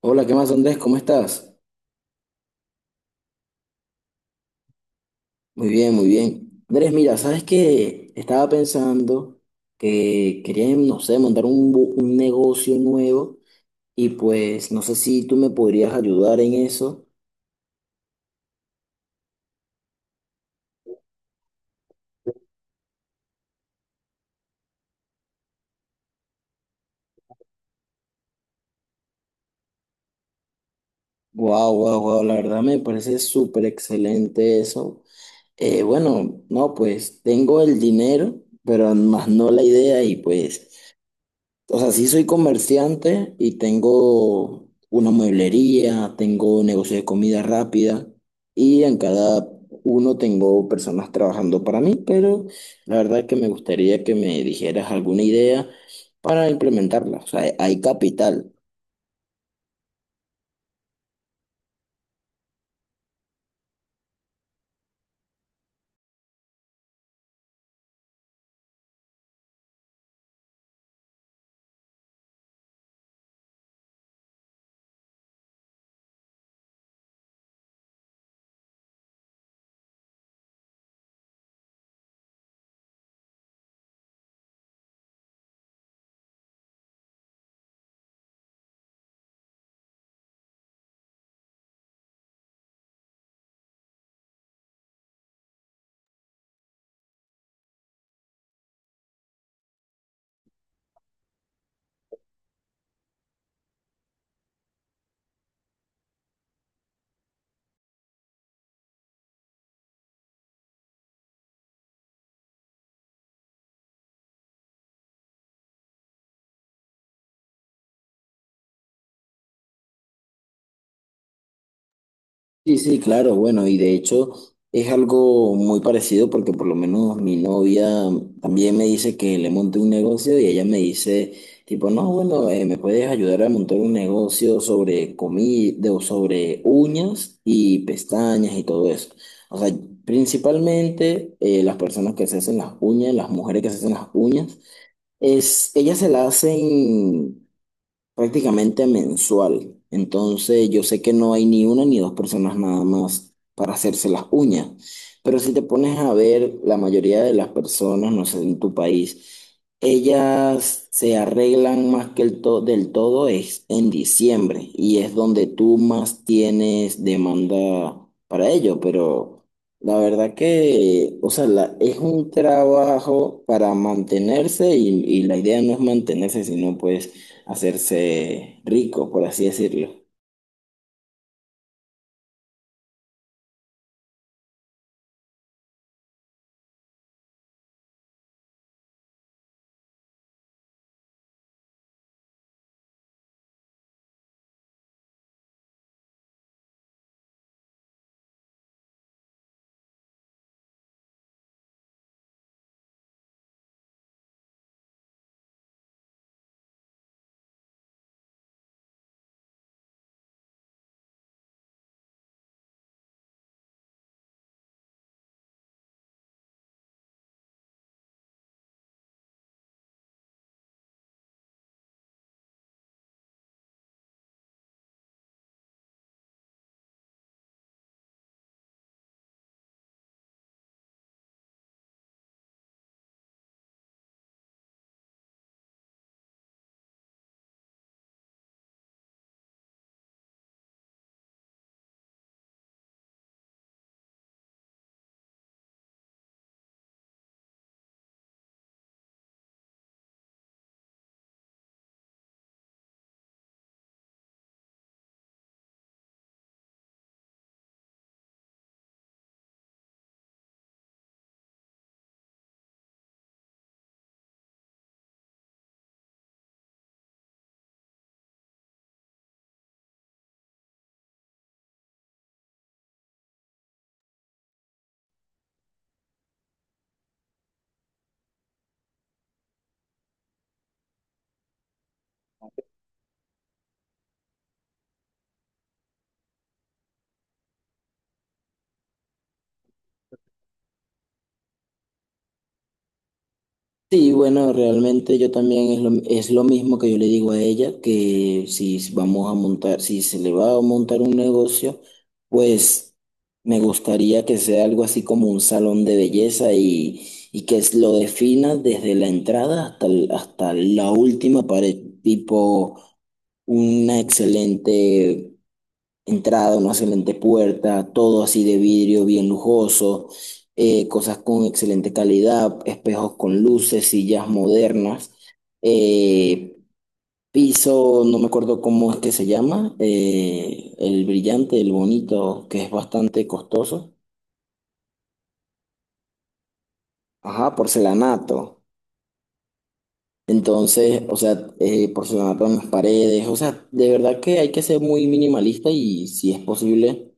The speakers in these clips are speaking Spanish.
Hola, ¿qué más, Andrés? ¿Cómo estás? Muy bien, muy bien. Andrés, mira, ¿sabes qué? Estaba pensando que quería, no sé, montar un negocio nuevo y pues no sé si tú me podrías ayudar en eso. Wow, wow, wow, la verdad me parece súper excelente eso. Bueno, no, pues tengo el dinero, pero más no la idea y pues, o sea, sí soy comerciante y tengo una mueblería, tengo negocio de comida rápida y en cada uno tengo personas trabajando para mí, pero la verdad es que me gustaría que me dijeras alguna idea para implementarla. O sea, hay capital. Sí, sí, claro, bueno, y de hecho es algo muy parecido porque por lo menos mi novia también me dice que le monte un negocio y ella me dice tipo, no, bueno, me puedes ayudar a montar un negocio sobre comida o sobre uñas y pestañas y todo eso. O sea, principalmente las personas que se hacen las uñas, las mujeres que se hacen las uñas, es, ellas se las hacen prácticamente mensual. Entonces yo sé que no hay ni una ni dos personas nada más para hacerse las uñas. Pero si te pones a ver, la mayoría de las personas, no sé, en tu país, ellas se arreglan más que del todo es en diciembre y es donde tú más tienes demanda para ello. Pero la verdad que, o sea, es un trabajo para mantenerse y la idea no es mantenerse, sino pues hacerse rico, por así decirlo. Sí, bueno, realmente yo también es es lo mismo que yo le digo a ella, que si vamos a montar, si se le va a montar un negocio, pues me gustaría que sea algo así como un salón de belleza y que lo defina desde la entrada hasta, hasta la última pared, tipo una excelente entrada, una excelente puerta, todo así de vidrio bien lujoso, cosas con excelente calidad, espejos con luces, sillas modernas, eh, piso, no me acuerdo cómo es que se llama, el brillante, el bonito, que es bastante costoso. Ajá, porcelanato. Entonces, o sea, porcelanato en las paredes, o sea, de verdad que hay que ser muy minimalista y si es posible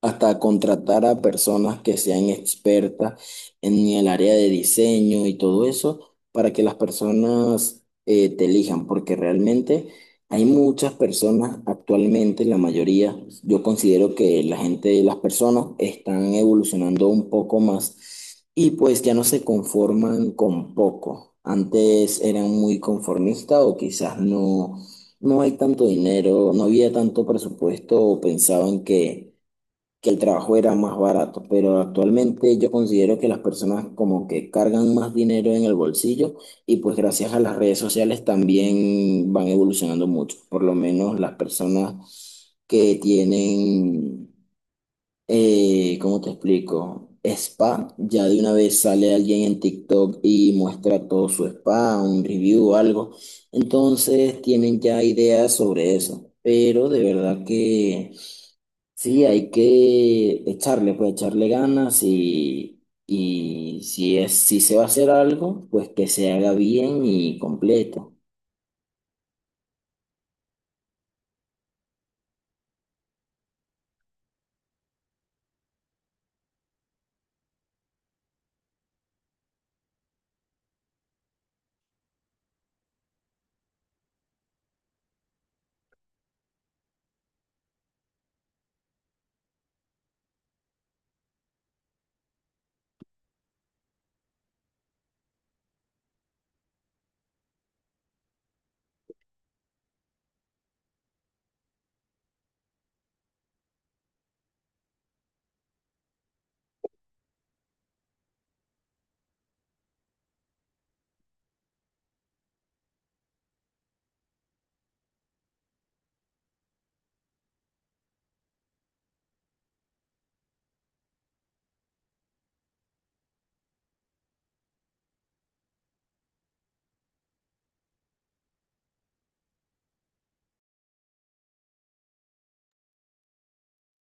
hasta contratar a personas que sean expertas en el área de diseño y todo eso para que las personas te elijan, porque realmente hay muchas personas actualmente, la mayoría, yo considero que la gente, las personas están evolucionando un poco más y pues ya no se conforman con poco. Antes eran muy conformistas o quizás no, no hay tanto dinero, no había tanto presupuesto o pensaban que el trabajo era más barato, pero actualmente yo considero que las personas como que cargan más dinero en el bolsillo y pues gracias a las redes sociales también van evolucionando mucho, por lo menos las personas que tienen, ¿cómo te explico? Spa, ya de una vez sale alguien en TikTok y muestra todo su spa, un review o algo, entonces tienen ya ideas sobre eso, pero de verdad que... Sí, hay que echarle, pues echarle ganas y si es, si se va a hacer algo, pues que se haga bien y completo.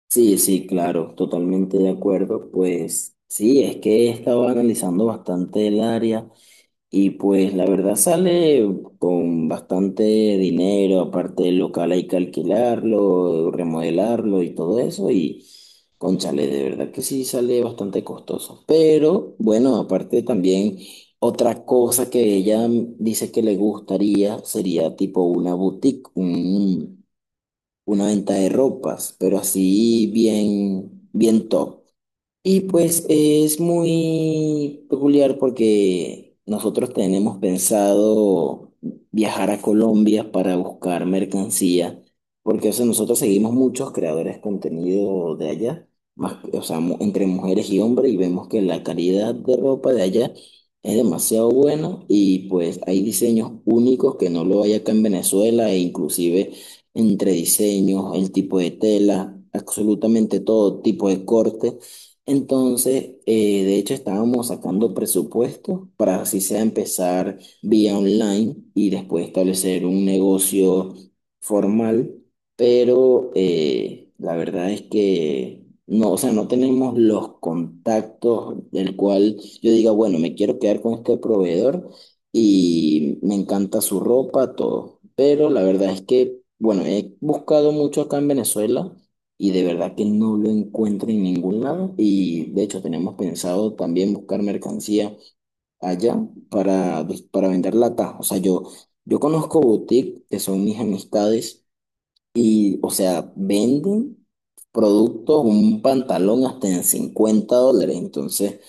Sí, sí, claro, totalmente de acuerdo. Pues sí, es que he estado analizando bastante el área. Y pues la verdad sale con bastante dinero, aparte del local hay que alquilarlo, remodelarlo y todo eso. Y cónchale, de verdad que sí sale bastante costoso. Pero bueno, aparte también otra cosa que ella dice que le gustaría sería tipo una boutique, una venta de ropas, pero así bien, bien top. Y pues es muy peculiar porque nosotros tenemos pensado viajar a Colombia para buscar mercancía, porque o sea, nosotros seguimos muchos creadores de contenido de allá, más, o sea, entre mujeres y hombres, y vemos que la calidad de ropa de allá es demasiado buena y pues hay diseños únicos que no lo hay acá en Venezuela e inclusive entre diseños, el tipo de tela, absolutamente todo tipo de corte. Entonces, de hecho, estábamos sacando presupuesto para así sea empezar vía online y después establecer un negocio formal, pero la verdad es que no, o sea, no tenemos los contactos del cual yo diga, bueno, me quiero quedar con este proveedor y me encanta su ropa, todo. Pero la verdad es que, bueno, he buscado mucho acá en Venezuela y de verdad que no lo encuentro en ningún lado y de hecho tenemos pensado también buscar mercancía allá para, pues, para venderla acá. O sea, yo conozco boutiques que son mis amistades y, o sea, venden productos, un pantalón hasta en $50. Entonces,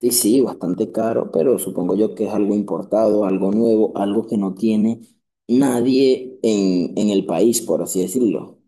sí, sí, bastante caro, pero supongo yo que es algo importado, algo nuevo, algo que no tiene nadie en, en el país, por así decirlo.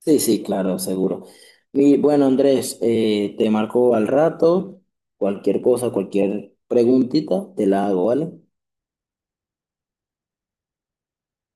Sí, sí, claro, seguro. Y bueno, Andrés, te marco al rato. Cualquier cosa, cualquier preguntita, te la hago, ¿vale?